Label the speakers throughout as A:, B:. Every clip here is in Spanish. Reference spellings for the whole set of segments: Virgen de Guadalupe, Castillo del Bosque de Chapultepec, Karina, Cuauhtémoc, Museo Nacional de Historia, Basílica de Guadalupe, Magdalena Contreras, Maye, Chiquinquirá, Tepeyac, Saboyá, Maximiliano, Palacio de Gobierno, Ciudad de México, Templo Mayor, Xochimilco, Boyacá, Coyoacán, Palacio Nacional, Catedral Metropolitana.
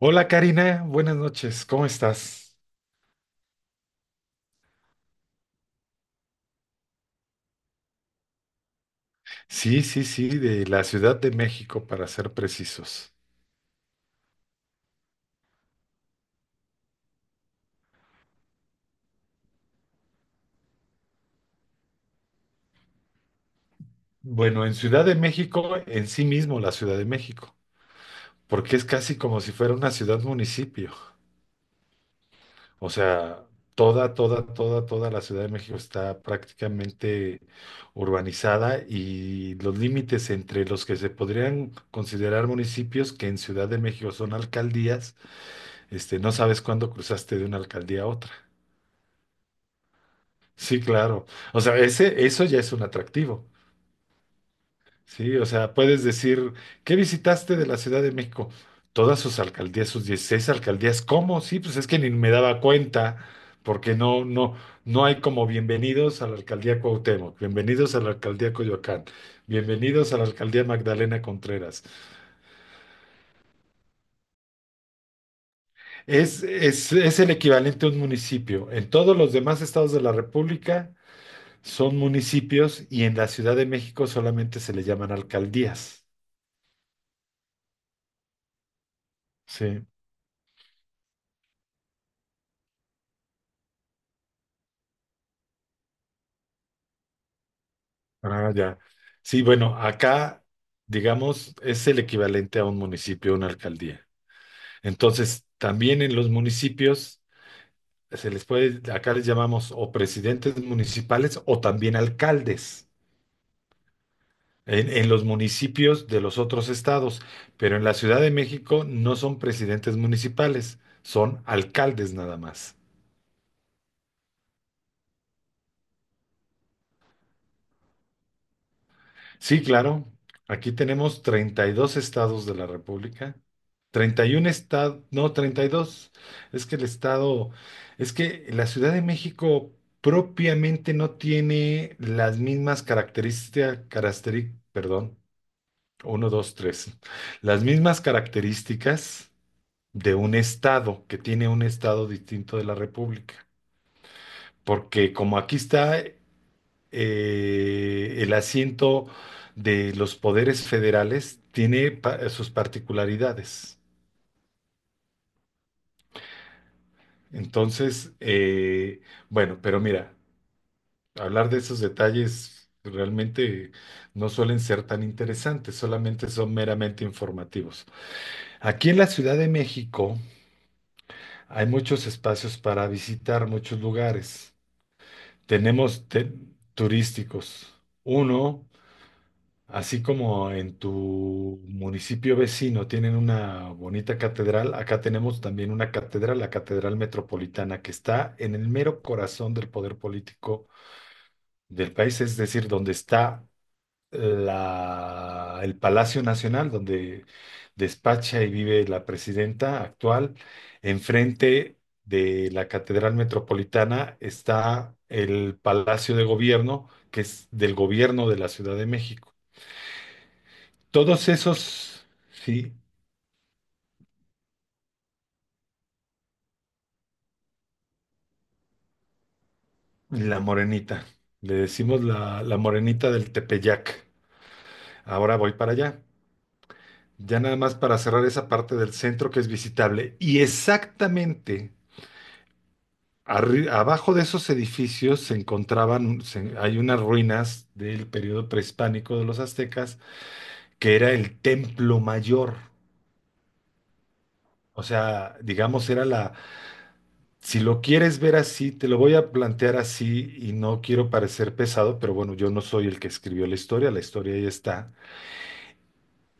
A: Hola Karina, buenas noches, ¿cómo estás? Sí, de la Ciudad de México para ser precisos. Bueno, en Ciudad de México, en sí mismo la Ciudad de México, porque es casi como si fuera una ciudad-municipio. O sea, toda la Ciudad de México está prácticamente urbanizada y los límites entre los que se podrían considerar municipios, que en Ciudad de México son alcaldías, no sabes cuándo cruzaste de una alcaldía a otra. Sí, claro. O sea, eso ya es un atractivo. Sí, o sea, puedes decir, ¿qué visitaste de la Ciudad de México? Todas sus alcaldías, sus 16 alcaldías. ¿Cómo? Sí, pues es que ni me daba cuenta, porque no hay como bienvenidos a la alcaldía Cuauhtémoc, bienvenidos a la alcaldía Coyoacán, bienvenidos a la alcaldía Magdalena Contreras. Es el equivalente a un municipio. En todos los demás estados de la República son municipios y en la Ciudad de México solamente se le llaman alcaldías. Sí, ah, ya. Sí, bueno, acá, digamos, es el equivalente a un municipio, una alcaldía. Entonces, también en los municipios se les puede, acá les llamamos o presidentes municipales o también alcaldes en los municipios de los otros estados. Pero en la Ciudad de México no son presidentes municipales, son alcaldes nada más. Sí, claro. Aquí tenemos 32 estados de la República. 31 estados, no, 32. Es que el estado, es que la Ciudad de México propiamente no tiene las mismas características, perdón, uno, 2, tres, las mismas características de un estado, que tiene un estado distinto de la República. Porque como aquí está el asiento de los poderes federales tiene sus particularidades. Entonces, bueno, pero mira, hablar de esos detalles realmente no suelen ser tan interesantes, solamente son meramente informativos. Aquí en la Ciudad de México hay muchos espacios para visitar, muchos lugares. Tenemos te- turísticos. Uno, así como en tu municipio vecino tienen una bonita catedral, acá tenemos también una catedral, la Catedral Metropolitana, que está en el mero corazón del poder político del país, es decir, donde está el Palacio Nacional, donde despacha y vive la presidenta actual. Enfrente de la Catedral Metropolitana está el Palacio de Gobierno, que es del gobierno de la Ciudad de México. Todos esos, sí, la morenita. Le decimos la morenita del Tepeyac. Ahora voy para allá. Ya nada más para cerrar esa parte del centro que es visitable. Y exactamente abajo de esos edificios hay unas ruinas del periodo prehispánico de los aztecas, que era el templo mayor. O sea, digamos, era, si lo quieres ver así, te lo voy a plantear así y no quiero parecer pesado, pero bueno, yo no soy el que escribió la historia ahí está.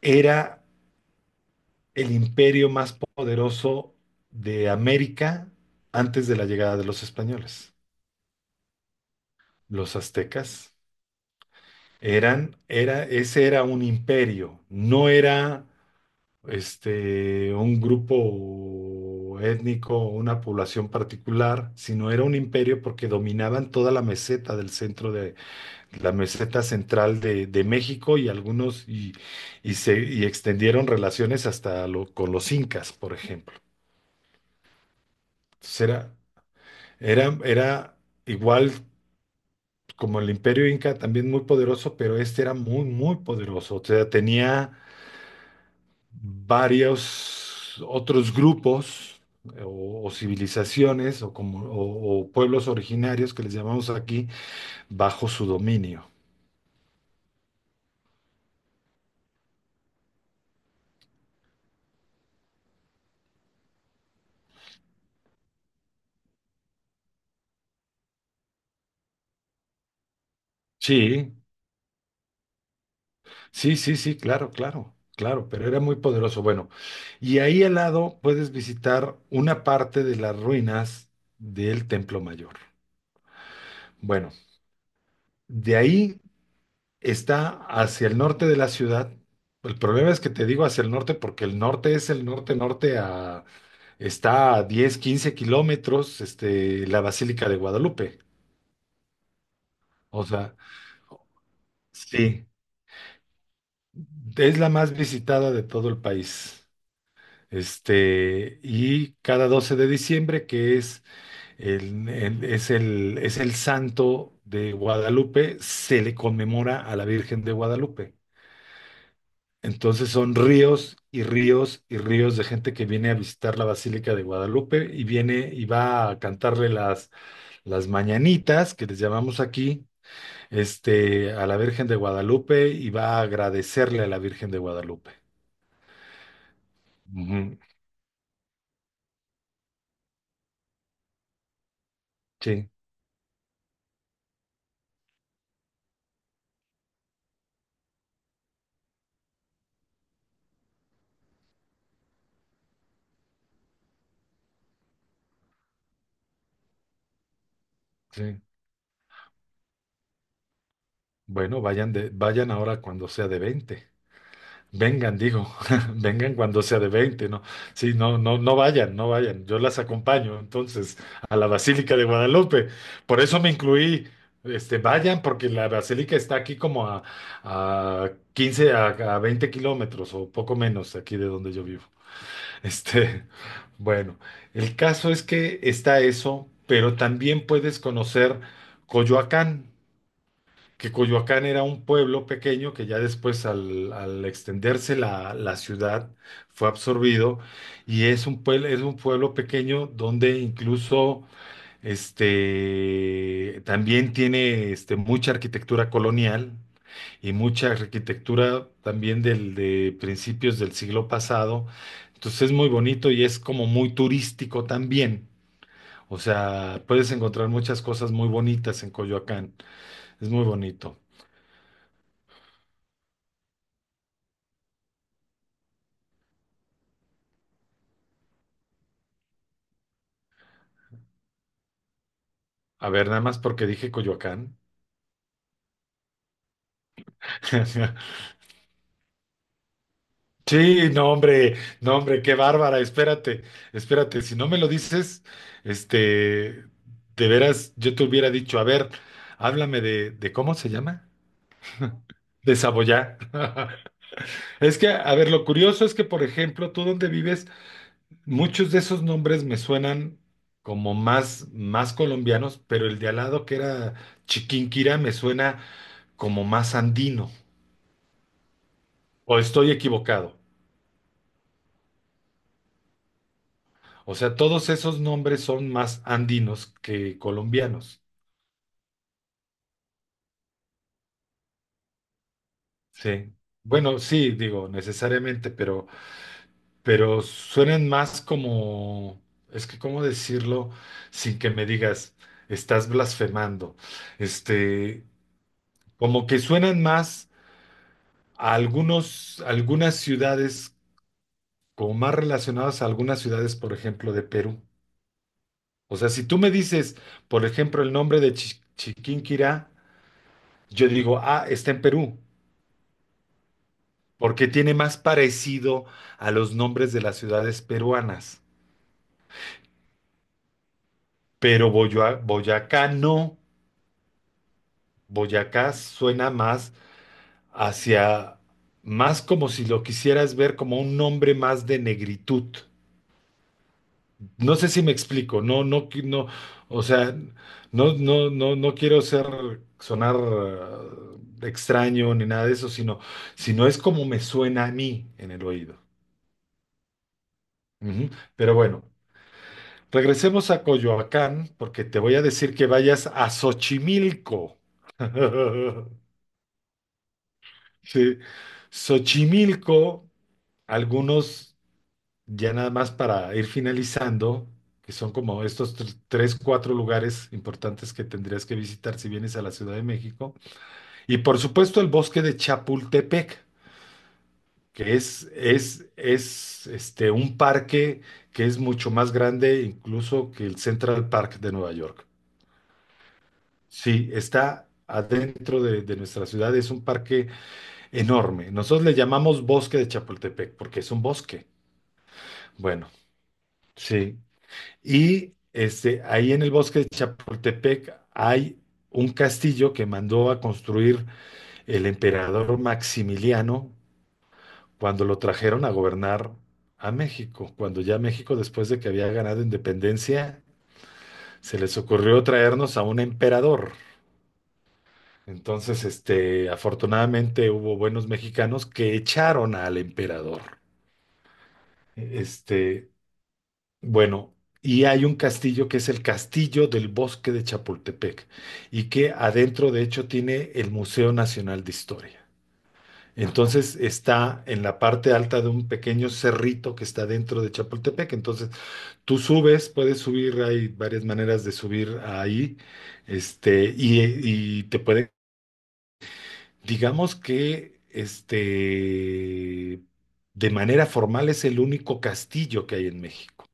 A: Era el imperio más poderoso de América antes de la llegada de los españoles. Los aztecas ese era un imperio, no era un grupo étnico o una población particular, sino era un imperio porque dominaban toda la meseta del centro de la meseta central de México y se extendieron relaciones hasta con los incas, por ejemplo. Entonces era igual como el imperio inca, también muy poderoso, pero este era muy, muy poderoso. O sea, tenía varios otros grupos o civilizaciones o, como, o pueblos originarios que les llamamos aquí bajo su dominio. Sí, sí claro, pero era muy poderoso. Bueno, y ahí al lado puedes visitar una parte de las ruinas del Templo Mayor. Bueno, de ahí está hacia el norte de la ciudad. El problema es que te digo hacia el norte porque el norte es el norte-norte a... Está a 10 o 15 kilómetros, la Basílica de Guadalupe. O sea, sí, es la más visitada de todo el país. Y cada 12 de diciembre, que es es el santo de Guadalupe, se le conmemora a la Virgen de Guadalupe. Entonces son ríos y ríos y ríos de gente que viene a visitar la Basílica de Guadalupe y viene y va a cantarle las mañanitas, que les llamamos aquí, a la Virgen de Guadalupe y va a agradecerle a la Virgen de Guadalupe. Ujú, sí, sí. Bueno, vayan ahora cuando sea de 20. Vengan, digo, vengan cuando sea de veinte, ¿no? Sí, no, no, no vayan, no vayan. Yo las acompaño entonces a la Basílica de Guadalupe. Por eso me incluí. Este, vayan, porque la Basílica está aquí como a 15 a 20 kilómetros o poco menos aquí de donde yo vivo. Este, bueno, el caso es que está eso, pero también puedes conocer Coyoacán, que Coyoacán era un pueblo pequeño que ya después al extenderse la ciudad fue absorbido y es un pueblo pequeño donde incluso también tiene mucha arquitectura colonial y mucha arquitectura también de principios del siglo pasado. Entonces es muy bonito y es como muy turístico también. O sea, puedes encontrar muchas cosas muy bonitas en Coyoacán. Es muy bonito. A ver, nada más porque dije Coyoacán. Sí, no, hombre, no, hombre, qué bárbara, espérate, si no me lo dices, este, de veras, yo te hubiera dicho, a ver, háblame de ¿cómo se llama? De Saboyá. Es que, a ver, lo curioso es que, por ejemplo, tú donde vives, muchos de esos nombres me suenan como más colombianos, pero el de al lado que era Chiquinquirá me suena como más andino, o estoy equivocado. O sea, todos esos nombres son más andinos que colombianos. Sí. Bueno, sí, digo, necesariamente, pero suenan más como, es que cómo decirlo sin que me digas, estás blasfemando. Este, como que suenan más a algunas ciudades, como más relacionadas a algunas ciudades, por ejemplo, de Perú. O sea, si tú me dices, por ejemplo, el nombre de Chiquinquirá, yo digo, ah, está en Perú. Porque tiene más parecido a los nombres de las ciudades peruanas. Pero Boyacá no. Boyacá suena más hacia, más como si lo quisieras ver como un nombre más de negritud. No sé si me explico, no, o sea, no quiero ser, sonar extraño ni nada de eso, sino es como me suena a mí en el oído. Ujú. Pero bueno. Regresemos a Coyoacán porque te voy a decir que vayas a Xochimilco. Sí. Xochimilco, algunos, ya nada más para ir finalizando, que son como estos tres, cuatro lugares importantes que tendrías que visitar si vienes a la Ciudad de México. Y por supuesto el bosque de Chapultepec, que es un parque que es mucho más grande incluso que el Central Park de Nueva York. Sí, está adentro de nuestra ciudad, es un parque enorme. Nosotros le llamamos Bosque de Chapultepec porque es un bosque. Bueno, sí. Y ahí en el Bosque de Chapultepec hay un castillo que mandó a construir el emperador Maximiliano cuando lo trajeron a gobernar a México, cuando ya México, después de que había ganado independencia, se les ocurrió traernos a un emperador. Entonces, afortunadamente hubo buenos mexicanos que echaron al emperador. E, Este, bueno, y hay un castillo que es el Castillo del Bosque de Chapultepec y que adentro, de hecho, tiene el Museo Nacional de Historia. Entonces está en la parte alta de un pequeño cerrito que está dentro de Chapultepec. Entonces tú subes, puedes subir, hay varias maneras de subir ahí, y te pueden, digamos que de manera formal es el único castillo que hay en México.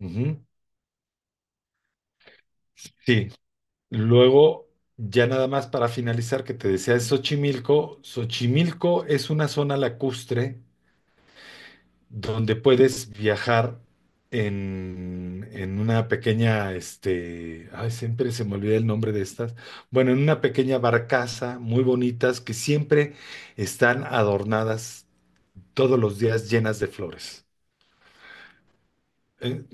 A: Ujú. Sí. Luego, ya nada más para finalizar, que te decía de Xochimilco. Xochimilco es una zona lacustre donde puedes viajar en una pequeña, ay, siempre se me olvida el nombre de estas. Bueno, en una pequeña barcaza muy bonitas que siempre están adornadas todos los días llenas de flores. ¿Eh?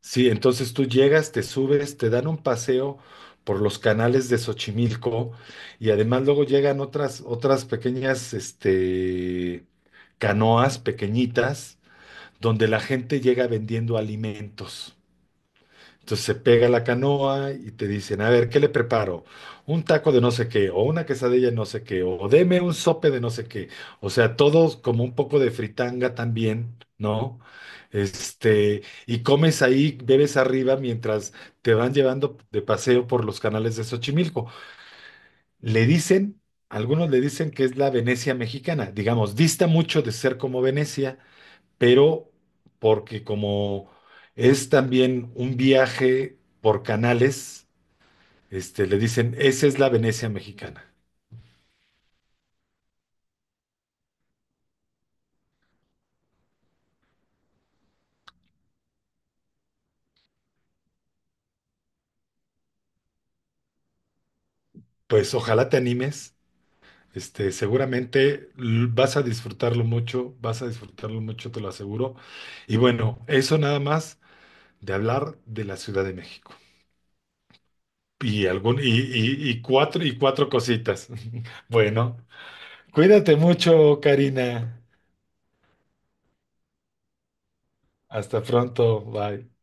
A: Sí, entonces tú llegas, te subes, te dan un paseo por los canales de Xochimilco y además luego llegan otras pequeñas, canoas pequeñitas donde la gente llega vendiendo alimentos. Entonces se pega la canoa y te dicen, a ver, ¿qué le preparo? Un taco de no sé qué, o una quesadilla de no sé qué, o deme un sope de no sé qué. O sea, todos como un poco de fritanga también, ¿no? Este, y comes ahí, bebes arriba mientras te van llevando de paseo por los canales de Xochimilco. Le dicen, algunos le dicen que es la Venecia mexicana, digamos, dista mucho de ser como Venecia, pero porque como es también un viaje por canales, le dicen, esa es la Venecia mexicana. Pues ojalá te animes, seguramente vas a disfrutarlo mucho, vas a disfrutarlo mucho, te lo aseguro. Y bueno, eso nada más de hablar de la Ciudad de México. Y, algún, y cuatro cositas. Bueno, cuídate mucho, Karina. Hasta pronto. Bye.